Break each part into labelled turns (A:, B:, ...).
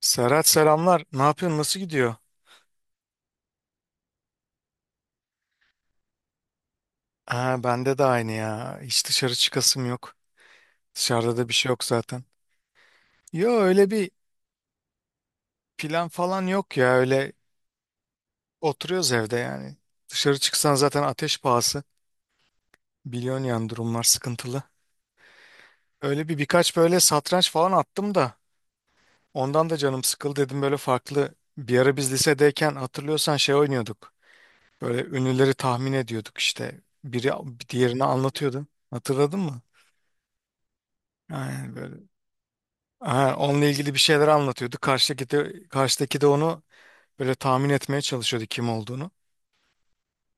A: Serhat selamlar. Ne yapıyorsun? Nasıl gidiyor? Ha, bende de aynı ya. Hiç dışarı çıkasım yok. Dışarıda da bir şey yok zaten. Yo, öyle bir plan falan yok ya. Öyle oturuyoruz evde yani. Dışarı çıksan zaten ateş pahası. Biliyorsun yani durumlar sıkıntılı. Öyle bir birkaç böyle satranç falan attım da. Ondan da canım sıkıldı dedim böyle farklı. Bir ara biz lisedeyken hatırlıyorsan şey oynuyorduk. Böyle ünlüleri tahmin ediyorduk işte. Biri diğerini anlatıyordu. Hatırladın mı? Aynen böyle. Ha, onunla ilgili bir şeyler anlatıyordu. Karşıdaki de onu böyle tahmin etmeye çalışıyordu kim olduğunu.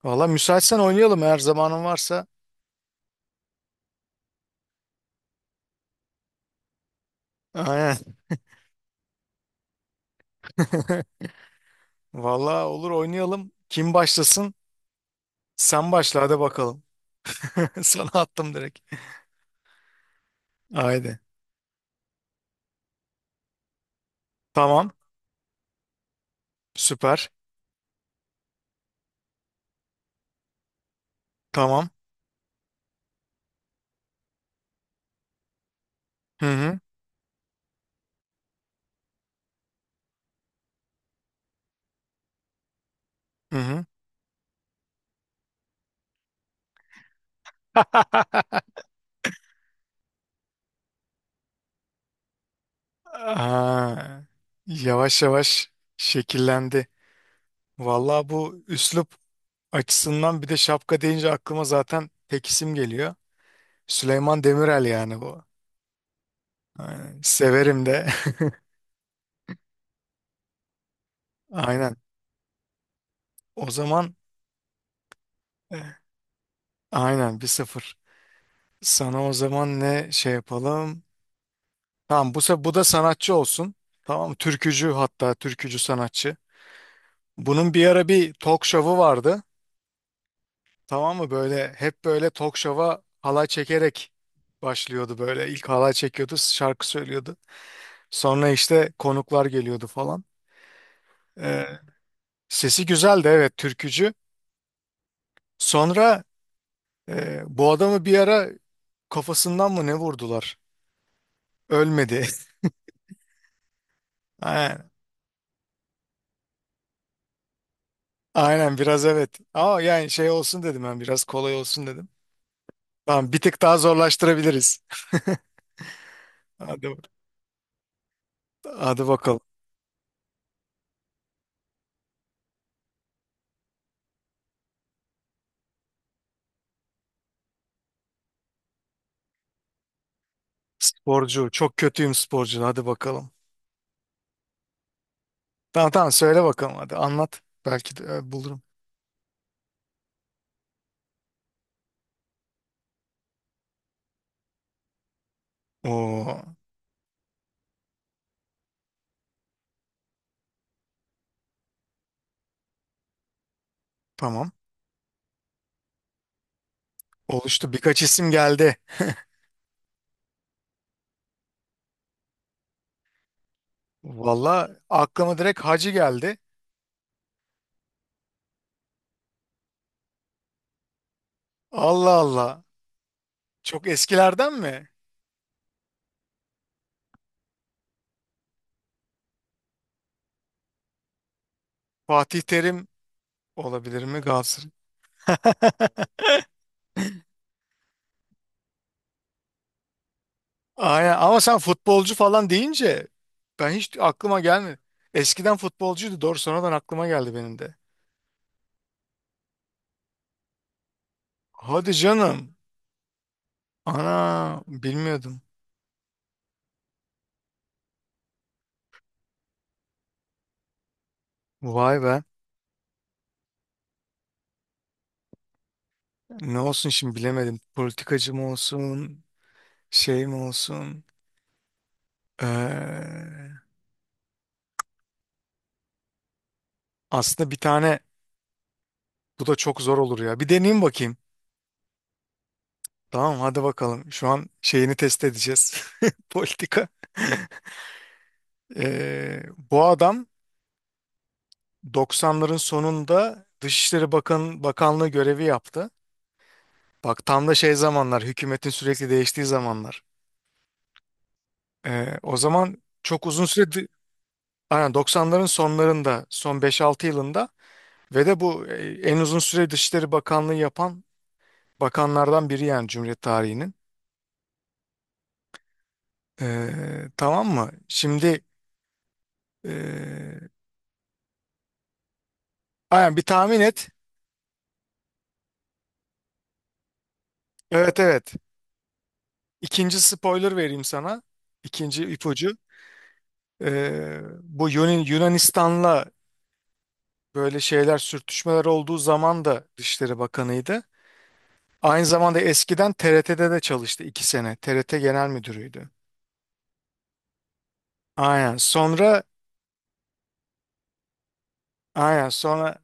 A: Valla müsaitsen oynayalım, eğer zamanın varsa. Aynen. Valla olur, oynayalım. Kim başlasın? Sen başla hadi bakalım. Sana attım direkt. Haydi. Tamam. Süper. Tamam. Hı hı. Hı hı. Ha, yavaş yavaş şekillendi. Valla bu üslup açısından, bir de şapka deyince, aklıma zaten tek isim geliyor. Süleyman Demirel yani bu. Aynen. Severim de. Aynen. O zaman eh, aynen 1-0. Sana o zaman ne şey yapalım? Tamam, bu, bu da sanatçı olsun. Tamam, türkücü, hatta türkücü sanatçı. Bunun bir ara bir talk show'u vardı. Tamam mı? Böyle hep böyle talk show'a halay çekerek başlıyordu böyle. İlk halay çekiyordu, şarkı söylüyordu. Sonra işte konuklar geliyordu falan. Eh, Sesi güzeldi, evet, türkücü. Sonra bu adamı bir ara kafasından mı ne vurdular? Ölmedi. Aynen. Aynen biraz, evet. Ama yani şey olsun dedim, ben biraz kolay olsun dedim. Tamam, bir tık daha zorlaştırabiliriz. Hadi, hadi bakalım. Sporcu. Çok kötüyüm sporcu. Hadi bakalım. Tamam tamam, söyle bakalım, hadi anlat. Belki de bulurum. Oo, tamam. Oluştu. Birkaç isim geldi. Valla aklıma direkt Hacı geldi. Allah Allah. Çok eskilerden mi? Fatih Terim. Olabilir mi Galatasaray? Aynen, ama sen futbolcu falan deyince ben hiç aklıma gelmedi. Eskiden futbolcuydu doğru, sonradan aklıma geldi benim de. Hadi canım. Ana bilmiyordum. Vay be. Ne olsun şimdi bilemedim. Politikacı mı olsun? Şey mi olsun? Ee, Aslında bir tane, bu da çok zor olur ya. Bir deneyeyim bakayım. Tamam hadi bakalım. Şu an şeyini test edeceğiz. Politika. Ee, Bu adam 90'ların sonunda Dışişleri Bakanlığı görevi yaptı. Bak tam da şey zamanlar, hükümetin sürekli değiştiği zamanlar. O zaman çok uzun süre, aynen 90'ların sonlarında, son 5-6 yılında, ve de bu en uzun süre Dışişleri Bakanlığı yapan bakanlardan biri yani Cumhuriyet tarihinin. Tamam mı? Şimdi e, aynen bir tahmin et. Evet evet. İkinci spoiler vereyim sana. İkinci ipucu. Bu Yunanistan'la böyle şeyler, sürtüşmeler olduğu zaman da Dışişleri Bakanıydı. Aynı zamanda eskiden TRT'de de çalıştı 2 sene. TRT Genel Müdürüydü. Aynen. Sonra, aynen, sonra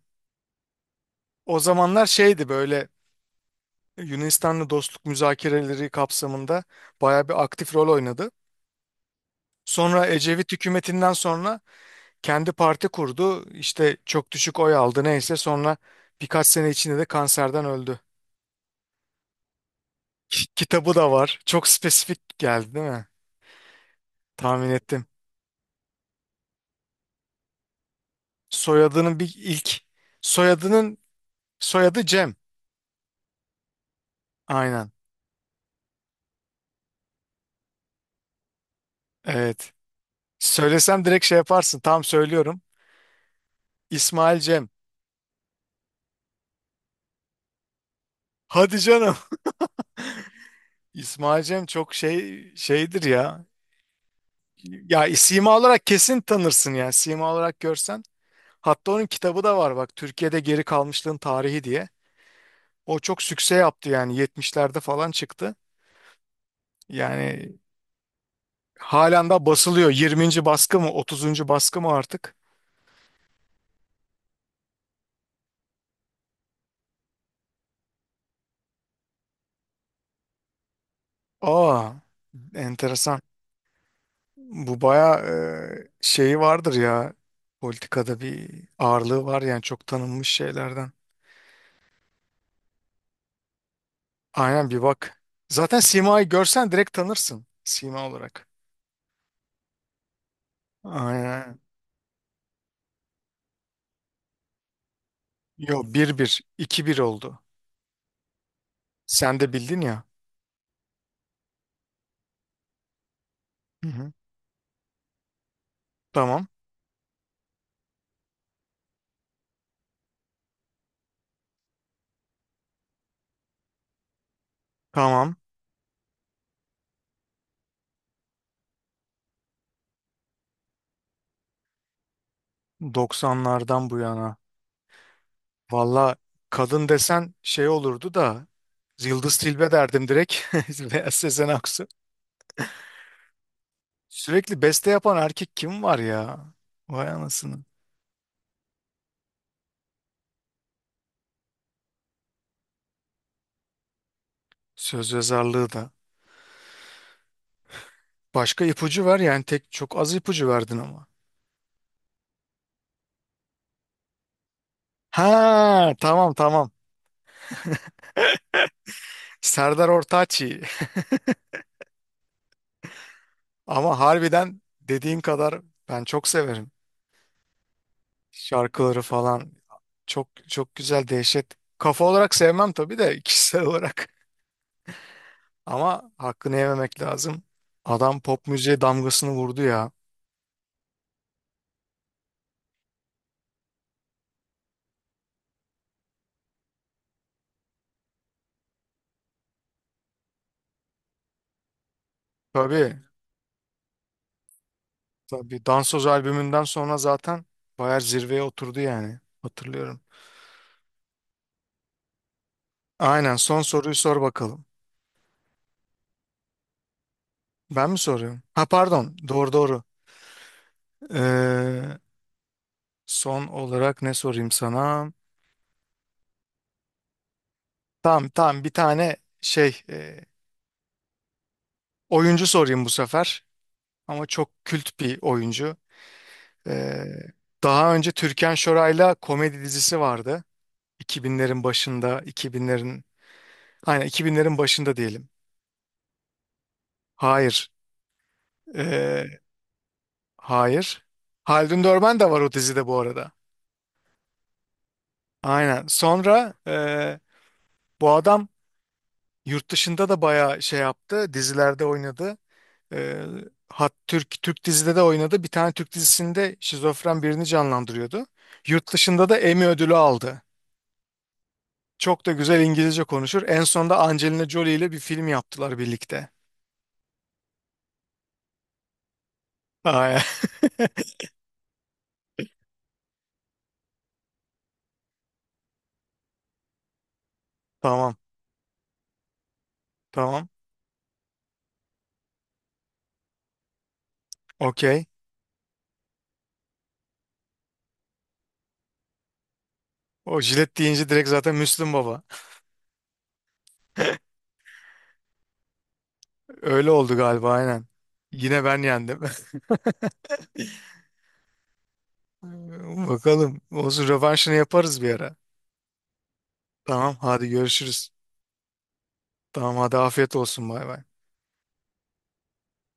A: o zamanlar şeydi böyle, Yunanistan'la dostluk müzakereleri kapsamında bayağı bir aktif rol oynadı. Sonra Ecevit hükümetinden sonra kendi parti kurdu. İşte çok düşük oy aldı, neyse sonra birkaç sene içinde de kanserden öldü. Kitabı da var. Çok spesifik geldi değil mi? Tahmin ettim. Soyadının bir ilk soyadının soyadı Cem. Aynen. Evet. Söylesem direkt şey yaparsın. Tam söylüyorum. İsmail Cem. Hadi canım. İsmail Cem çok şeydir ya. Ya sima olarak kesin tanırsın ya. Sima olarak görsen. Hatta onun kitabı da var bak. Türkiye'de Geri Kalmışlığın Tarihi diye. O çok sükse yaptı, yani 70'lerde falan çıktı. Yani halen daha basılıyor. 20. baskı mı, 30. baskı mı artık? Aa, enteresan. Bu bayağı şeyi vardır ya. Politikada bir ağırlığı var yani, çok tanınmış şeylerden. Aynen, bir bak. Zaten Sima'yı görsen direkt tanırsın Sima olarak. Aynen. Yo, bir bir 2-1 oldu. Sen de bildin ya. Hı hı. Tamam. Tamam. 90'lardan bu yana. Valla kadın desen şey olurdu da, Yıldız Tilbe derdim direkt. Veya Sezen Aksu. Sürekli beste yapan erkek kim var ya? Vay anasını. Söz yazarlığı da. Başka ipucu ver yani, tek çok az ipucu verdin ama. Ha, tamam tamam. Serdar Ortaç'ı. Ama harbiden dediğin kadar ben çok severim. Şarkıları falan çok çok güzel, dehşet. Kafa olarak sevmem tabii de kişisel olarak. Ama hakkını yememek lazım. Adam pop müziğe damgasını vurdu ya. Tabii tabii, Dansoz albümünden sonra zaten bayağı zirveye oturdu yani. Hatırlıyorum. Aynen, son soruyu sor bakalım. Ben mi soruyorum? Ha pardon. Doğru doğru. Ee, Son olarak ne sorayım sana? Tamam tamam, bir tane şey oyuncu sorayım bu sefer. Ama çok kült bir oyuncu. Ee, Daha önce Türkan Şoray'la komedi dizisi vardı. 2000'lerin başında, 2000'lerin aynen 2000'lerin başında diyelim. Hayır. Ee, hayır. Haldun Dörmen de var o dizide bu arada. Aynen. Sonra bu adam yurt dışında da bayağı şey yaptı. Dizilerde oynadı. Ee, hat Türk Türk dizide de oynadı. Bir tane Türk dizisinde şizofren birini canlandırıyordu. Yurt dışında da Emmy ödülü aldı. Çok da güzel İngilizce konuşur. En sonunda Angelina Jolie ile bir film yaptılar birlikte. Aa, tamam, tamam. Okey. O jilet deyince direkt zaten Müslüm Baba. Öyle oldu galiba aynen. Yine ben yendim. Bakalım. Olsun, rövanşını yaparız bir ara. Tamam, hadi görüşürüz. Tamam hadi, afiyet olsun, bay bay.